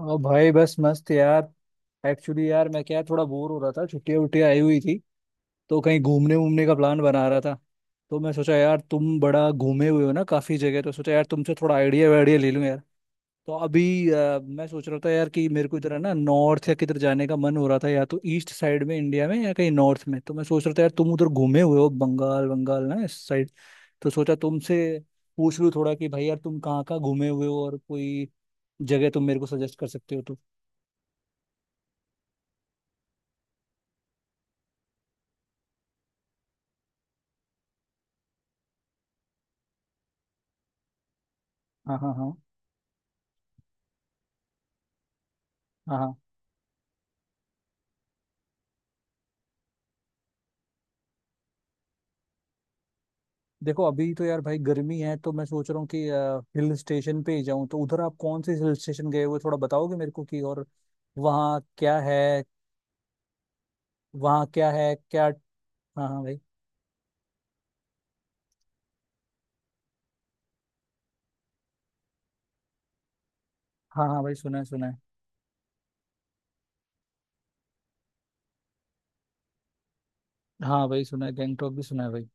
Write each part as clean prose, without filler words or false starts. और भाई बस मस्त यार। एक्चुअली यार मैं क्या थोड़ा बोर हो रहा था, छुट्टियां वुट्टियां आई हुई थी तो कहीं घूमने वूमने का प्लान बना रहा था। तो मैं सोचा यार तुम बड़ा घूमे हुए हो ना काफी जगह, तो सोचा यार तुमसे थोड़ा आइडिया वाइडिया ले लूं यार। तो अभी मैं सोच रहा था यार कि मेरे को इधर है ना नॉर्थ या किधर जाने का मन हो रहा था, या तो ईस्ट साइड में इंडिया में या कहीं नॉर्थ में। तो मैं सोच रहा था यार तुम उधर घूमे हुए हो, बंगाल बंगाल ना इस साइड। तो सोचा तुमसे पूछ लूं थोड़ा कि भाई यार तुम कहाँ कहाँ घूमे हुए हो, और कोई जगह तुम मेरे को सजेस्ट कर सकते हो तो। हाँ हाँ हाँ। हाँ हाँ। देखो अभी तो यार भाई गर्मी है तो मैं सोच रहा हूँ कि हिल स्टेशन पे ही जाऊँ। तो उधर आप कौन से हिल स्टेशन गए हुए थोड़ा बताओगे मेरे को कि, और वहाँ क्या है, वहाँ क्या है क्या। हाँ हाँ भाई। हाँ हाँ भाई, सुना है सुना है। हाँ भाई सुना है, गैंगटॉक भी सुना है भाई।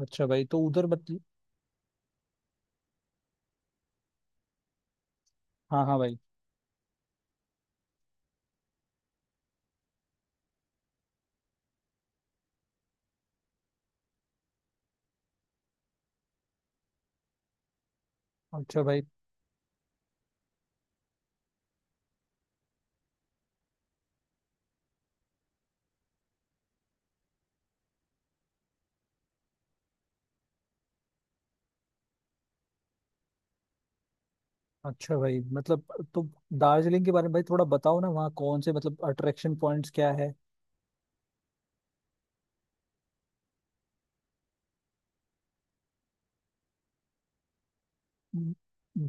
अच्छा भाई, तो उधर मतलब। हाँ हाँ भाई। अच्छा भाई। अच्छा भाई मतलब, तो दार्जिलिंग के बारे में भाई थोड़ा बताओ ना, वहाँ कौन से मतलब अट्रैक्शन पॉइंट्स क्या है।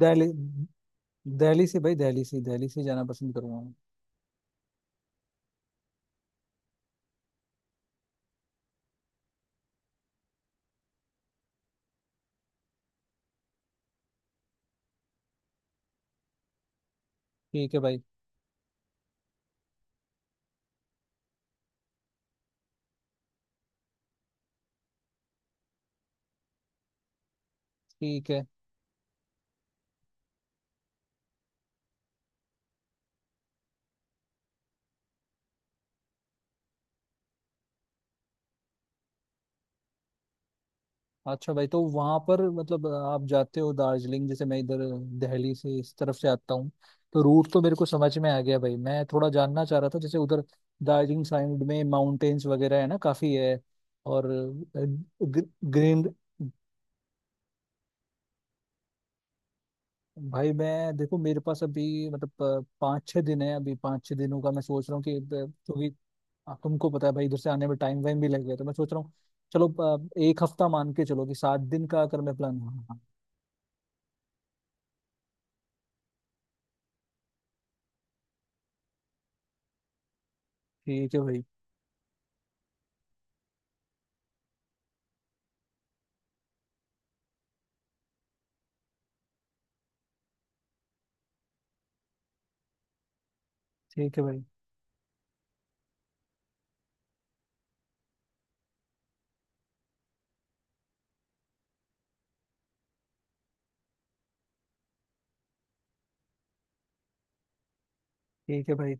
दिल्ली। दिल्ली से भाई, दिल्ली से, दिल्ली से जाना पसंद करूंगा मैं। ठीक है भाई। ठीक है। अच्छा भाई तो वहां पर मतलब आप जाते हो दार्जिलिंग, जैसे मैं इधर दिल्ली से इस तरफ से आता हूँ, तो रूट तो मेरे को समझ में आ गया भाई। मैं थोड़ा जानना चाह रहा था जैसे उधर दार्जिलिंग साइड में माउंटेन्स वगैरह है ना, काफी है। और ग्रीन। भाई मैं देखो, मेरे पास अभी मतलब पाँच छः दिन है अभी। पाँच छः दिनों का मैं सोच रहा हूँ कि क्योंकि तुमको पता है भाई इधर से आने में टाइम वाइम भी लगेगा, तो मैं सोच रहा हूँ चलो एक हफ्ता मान के चलो, कि सात दिन का अगर मैं प्लान। हाँ, हाँ। ठीक है भाई। ठीक है भाई। ठीक है भाई।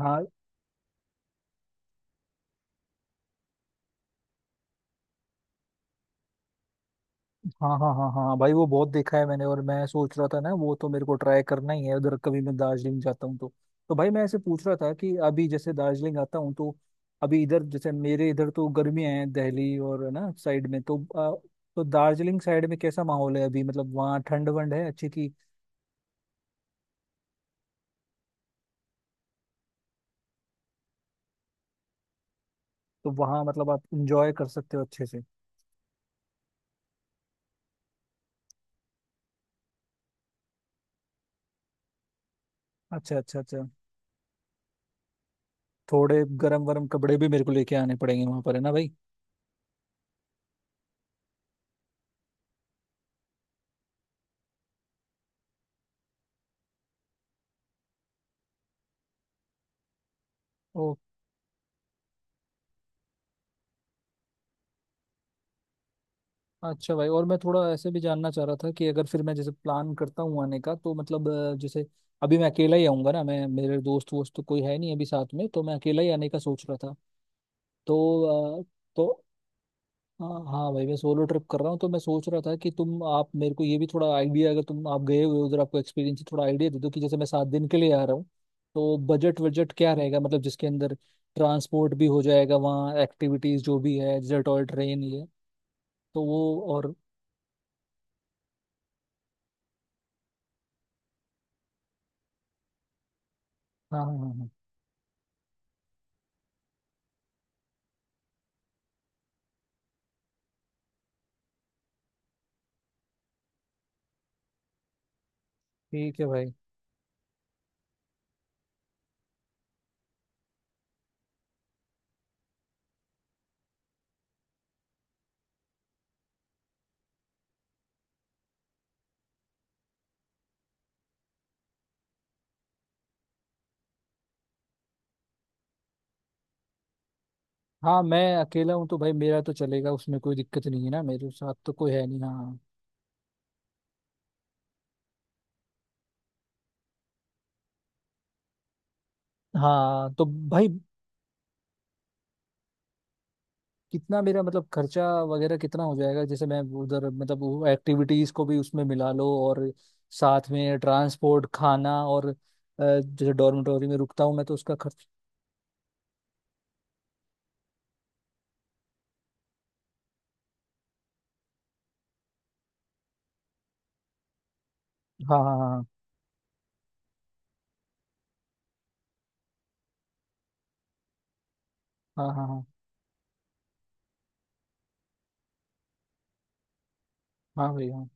हाँ हाँ हाँ हाँ। हाँ भाई वो बहुत देखा है मैंने, और मैं सोच रहा था ना वो तो मेरे को ट्राई करना ही है उधर, कभी मैं दार्जिलिंग जाता हूँ तो। तो भाई मैं ऐसे पूछ रहा था कि अभी जैसे दार्जिलिंग आता हूँ तो अभी इधर, जैसे मेरे इधर तो गर्मियाँ हैं दिल्ली और है ना साइड में, तो तो दार्जिलिंग साइड में कैसा माहौल है अभी, मतलब वहाँ ठंड वंड है अच्छी की। तो वहाँ मतलब आप इंजॉय कर सकते हो अच्छे से। अच्छा अच्छा अच्छा। थोड़े गर्म वर्म कपड़े भी मेरे को लेके आने पड़ेंगे वहाँ पर है ना भाई। अच्छा भाई, और मैं थोड़ा ऐसे भी जानना चाह रहा था कि अगर फिर मैं जैसे प्लान करता हूँ आने का, तो मतलब जैसे अभी मैं अकेला ही आऊंगा ना, मैं मेरे दोस्त वोस्त तो कोई है नहीं अभी साथ में, तो मैं अकेला ही आने का सोच रहा था। तो तो हाँ भाई मैं सोलो ट्रिप कर रहा हूँ, तो मैं सोच रहा था कि तुम आप मेरे को ये भी थोड़ा आइडिया, अगर तुम आप गए हुए हो उधर, आपको एक्सपीरियंस है, थोड़ा आइडिया दे दो कि जैसे मैं सात दिन के लिए आ रहा हूँ तो बजट बजट क्या रहेगा, मतलब जिसके अंदर ट्रांसपोर्ट भी हो जाएगा, वहाँ एक्टिविटीज जो भी है जैसे टॉय ट्रेन ये। तो वो, और, हाँ हाँ हाँ हाँ। ठीक है भाई। हाँ मैं अकेला हूँ तो भाई मेरा तो चलेगा उसमें, कोई दिक्कत नहीं है ना, मेरे साथ तो कोई है नहीं। हाँ हाँ। तो भाई कितना मेरा मतलब खर्चा वगैरह कितना हो जाएगा, जैसे मैं उधर मतलब वो एक्टिविटीज को भी उसमें मिला लो, और साथ में ट्रांसपोर्ट, खाना, और जैसे डॉर्मेटोरी में रुकता हूँ मैं तो उसका खर्च। हाँ हाँ हाँ हाँ। हाँ हाँ हाँ हाँ भाई हाँ।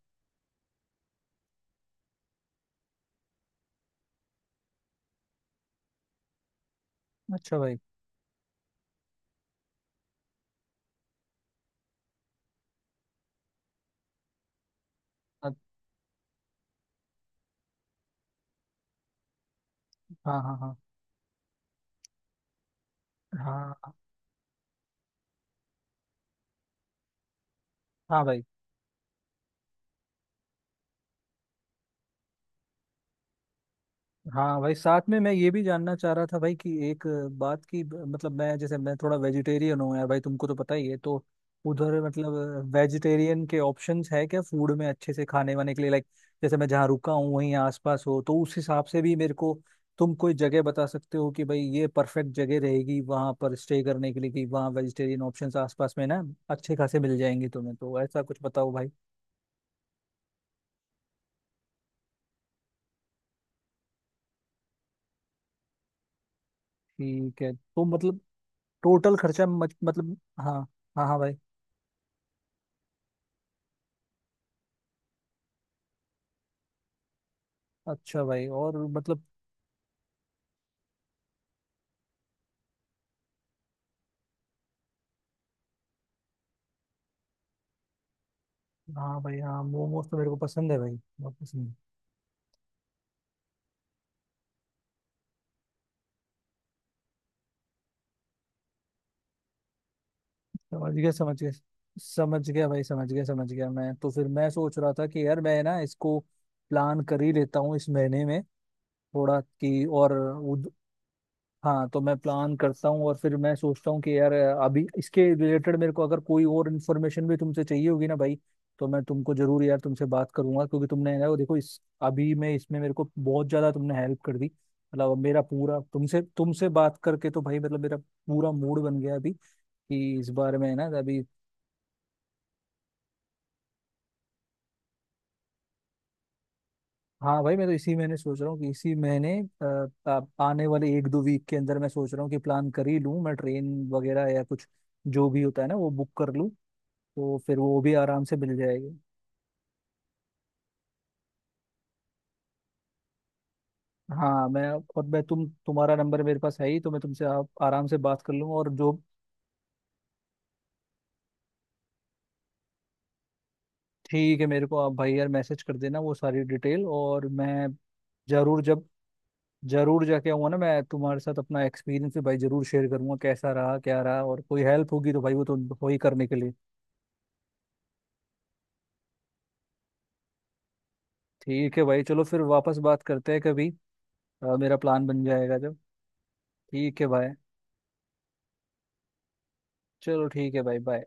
अच्छा भाई। अ- हाँ हाँ हाँ हाँ हाँ भाई। हाँ भाई साथ में मैं ये भी जानना चाह रहा था भाई कि एक बात की, मतलब मैं जैसे मैं थोड़ा वेजिटेरियन हूँ यार भाई, तुमको तो पता ही है, तो उधर मतलब वेजिटेरियन के ऑप्शंस है क्या फूड में, अच्छे से खाने वाने के लिए, लाइक जैसे मैं जहाँ रुका हूँ वहीं आसपास हो, तो उस हिसाब से भी मेरे को तुम कोई जगह बता सकते हो कि भाई ये परफेक्ट जगह रहेगी वहाँ पर स्टे करने के लिए, कि वहाँ वेजिटेरियन ऑप्शंस आसपास में ना अच्छे खासे मिल जाएंगे तुम्हें, तो ऐसा कुछ बताओ भाई। ठीक है, तो मतलब टोटल खर्चा मतलब, हाँ। हाँ हाँ भाई। अच्छा भाई, और मतलब। हाँ भाई, हाँ मोमोज तो मेरे को पसंद है भाई, बहुत पसंद है। समझ गया समझ गया। समझ गया भाई, समझ गया समझ गया। मैं तो फिर मैं सोच रहा था कि यार मैं ना इसको प्लान कर ही लेता हूँ इस महीने में थोड़ा, कि और। हाँ तो मैं प्लान करता हूँ, और फिर मैं सोचता हूँ कि यार अभी इसके रिलेटेड मेरे को अगर कोई और इन्फॉर्मेशन भी तुमसे चाहिए होगी ना भाई, तो मैं तुमको जरूर यार तुमसे बात करूंगा, क्योंकि तुमने यार देखो इस अभी मैं इसमें मेरे को बहुत ज्यादा तुमने हेल्प कर दी, मतलब अब मेरा पूरा तुमसे तुमसे बात करके तो भाई मतलब मेरा पूरा मूड बन गया अभी कि इस बार में है ना अभी। हाँ भाई मैं तो इसी महीने सोच रहा हूँ कि इसी महीने आने वाले एक दो वीक के अंदर मैं सोच रहा हूँ कि प्लान कर ही लूँ, मैं ट्रेन वगैरह या कुछ जो भी होता है ना वो बुक कर लूँ, तो फिर वो भी आराम से मिल जाएगी। हाँ मैं, और मैं तुम्हारा नंबर मेरे पास है ही, तो मैं तुमसे आप आराम से बात कर लूँगा और जो। ठीक है, मेरे को आप भाई यार मैसेज कर देना वो सारी डिटेल, और मैं जरूर जब, जरूर जाके आऊँगा ना मैं, तुम्हारे साथ अपना एक्सपीरियंस भी भाई जरूर शेयर करूंगा, कैसा रहा क्या रहा, और कोई हेल्प होगी तो भाई वो तो हो ही करने के लिए। ठीक है भाई चलो फिर वापस बात करते हैं कभी मेरा प्लान बन जाएगा जब। ठीक है भाई। चलो ठीक है भाई, बाय।